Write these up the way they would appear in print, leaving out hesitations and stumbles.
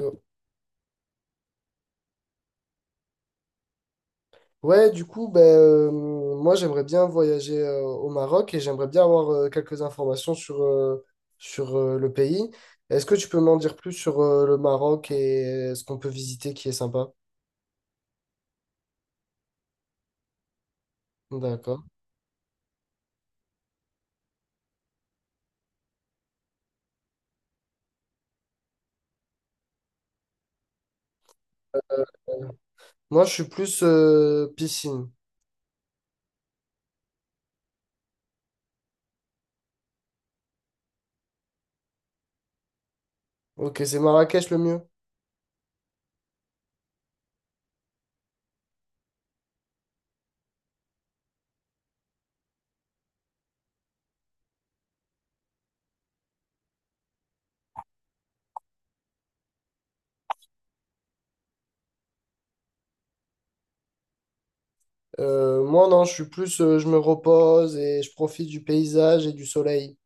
Euh, Ouais, du coup, ben, moi j'aimerais bien voyager au Maroc et j'aimerais bien avoir quelques informations sur le pays. Est-ce que tu peux m'en dire plus sur le Maroc et ce qu'on peut visiter qui est sympa? D'accord. Moi je suis plus piscine. Ok, c'est Marrakech le mieux. Moi non, je suis plus je me repose et je profite du paysage et du soleil.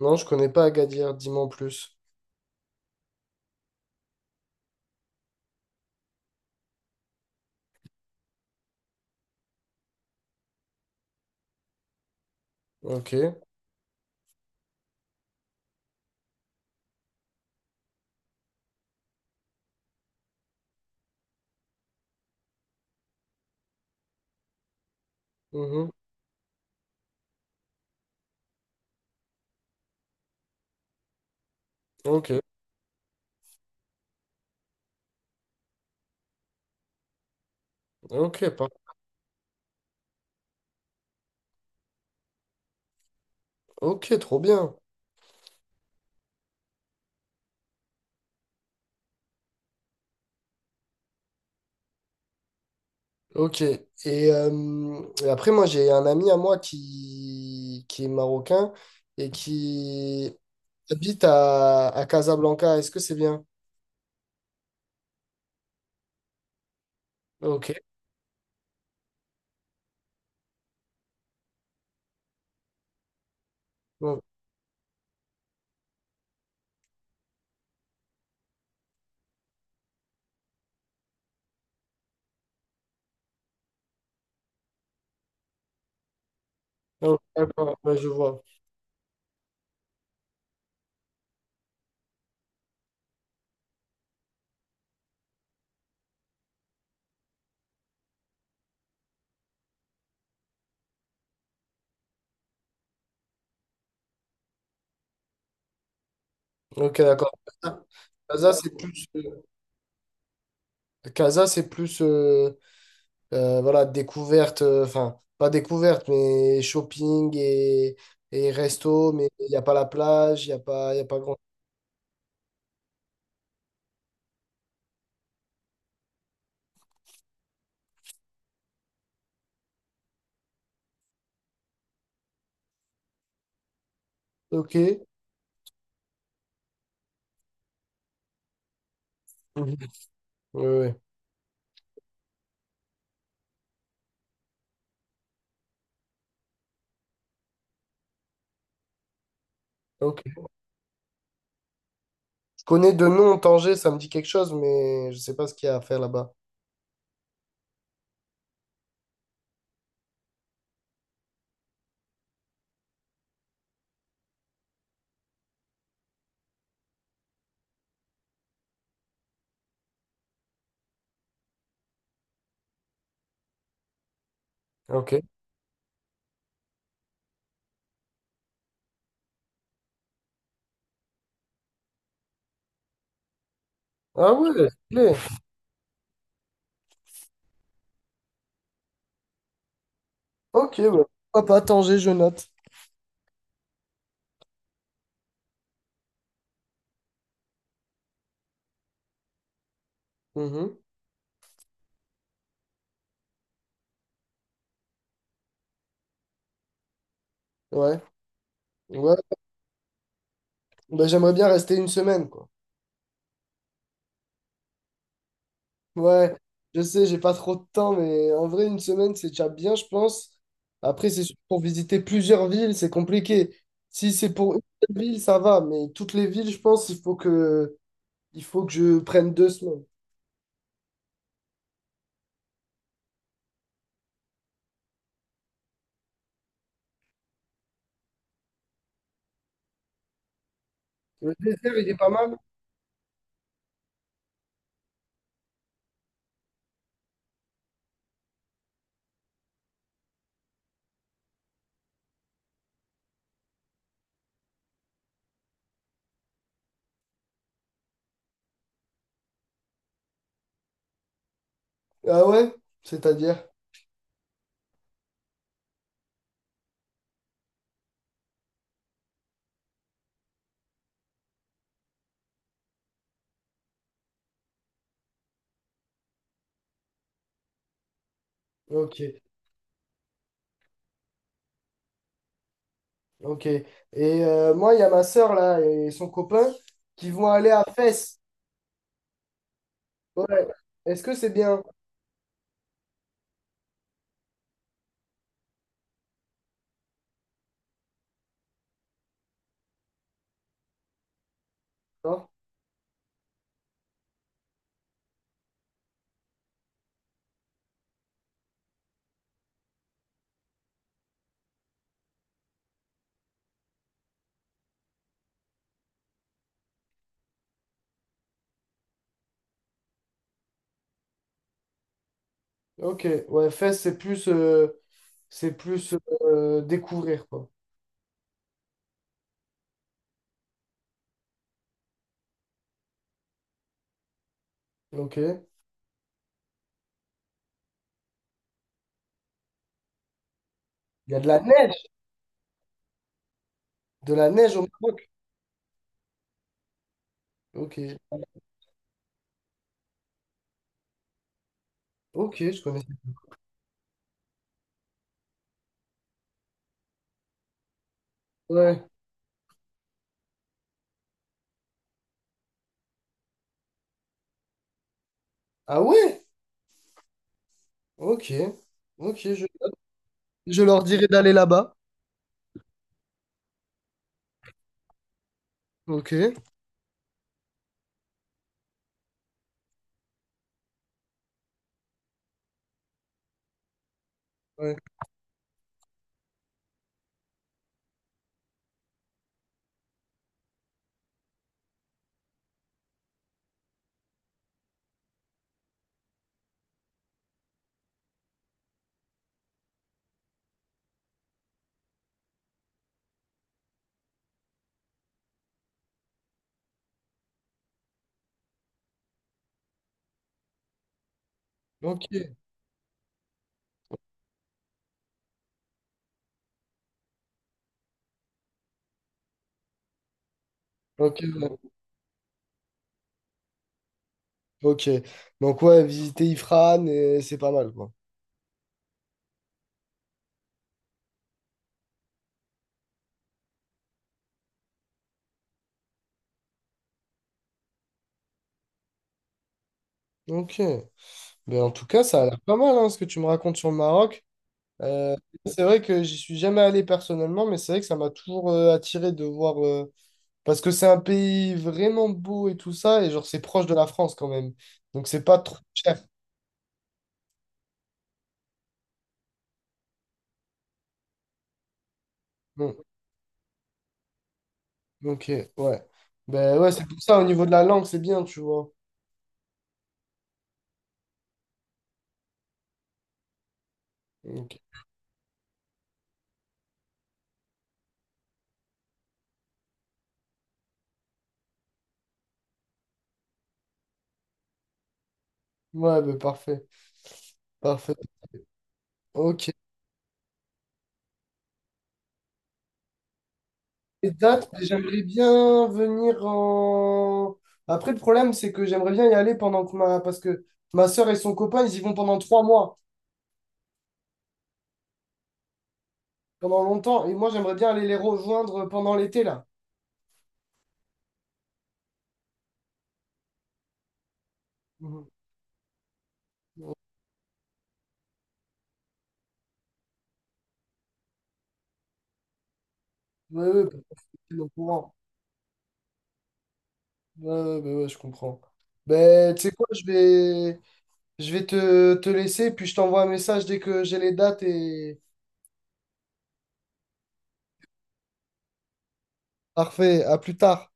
Non, je connais pas Agadir, dis-moi en plus. Ok. Mhm. Ok. Ok, ok, trop bien. Ok. Et après, moi, j'ai un ami à moi qui est marocain et qui habite à Casablanca. Est-ce que c'est bien? Ok. Donc, d'accord, ouais, je vois. Ok, d'accord. Casa, c'est plus, euh, Casa, c'est plus voilà, découverte, enfin, pas découverte, mais shopping et resto, mais il n'y a pas la plage, il n'y a pas, il y a pas grand. Ok. Mhm. Ouais, ouais. Ok. Connais de nom Tanger, ça me dit quelque chose, mais je sais pas ce qu'il y a à faire là-bas. Ok. Ah ouais, stylé. Ok, bah, pourquoi pas Tanger, je note. Mhm. Ouais, ouais. Bah, j'aimerais bien rester 1 semaine, quoi. Ouais, je sais, j'ai pas trop de temps, mais en vrai, 1 semaine, c'est déjà bien, je pense. Après, c'est sûr, pour visiter plusieurs villes, c'est compliqué. Si c'est pour une seule ville, ça va, mais toutes les villes, je pense, il faut que je prenne 2 semaines. Le désert, il est pas mal. Ah ouais? C'est-à-dire? Ok. Ok. Et moi, il y a ma sœur là et son copain qui vont aller à Fès. Ouais. Est-ce que c'est bien? Non? Ok. Ouais, Fès, c'est plus découvrir, quoi. Ok. Il y a de la neige. De la neige au Maroc. Ok. Ok, je connais. Ouais. Ah ouais? Ok. Ok, je leur dirai d'aller là-bas. Ok. Ouais. Ok. Ok. Ouais. Ok. Donc ouais, visiter Ifrane, et c'est pas mal, quoi. Ok. Mais en tout cas, ça a l'air pas mal, hein, ce que tu me racontes sur le Maroc. Euh, c'est vrai que j'y suis jamais allé personnellement, mais c'est vrai que ça m'a toujours attiré de voir, parce que c'est un pays vraiment beau et tout ça, et genre c'est proche de la France quand même. Donc c'est pas trop cher. Bon, ok, ouais. Ben ouais, c'est pour ça, au niveau de la langue, c'est bien, tu vois. Ok. Ouais, ben parfait. Parfait. Ok. Les dates, j'aimerais bien venir en... Après, le problème, c'est que j'aimerais bien y aller pendant que ma... Parce que ma sœur et son copain, ils y vont pendant 3 mois, pendant longtemps. Et moi, j'aimerais bien aller les rejoindre pendant l'été, là. Mhm. Ouais, ouais, parce que c'est au courant. Ouais, ouais, ouais, ouais, je comprends. Ben, tu sais quoi, je vais te, laisser, puis je t'envoie un message dès que j'ai les dates et... Parfait, à plus tard.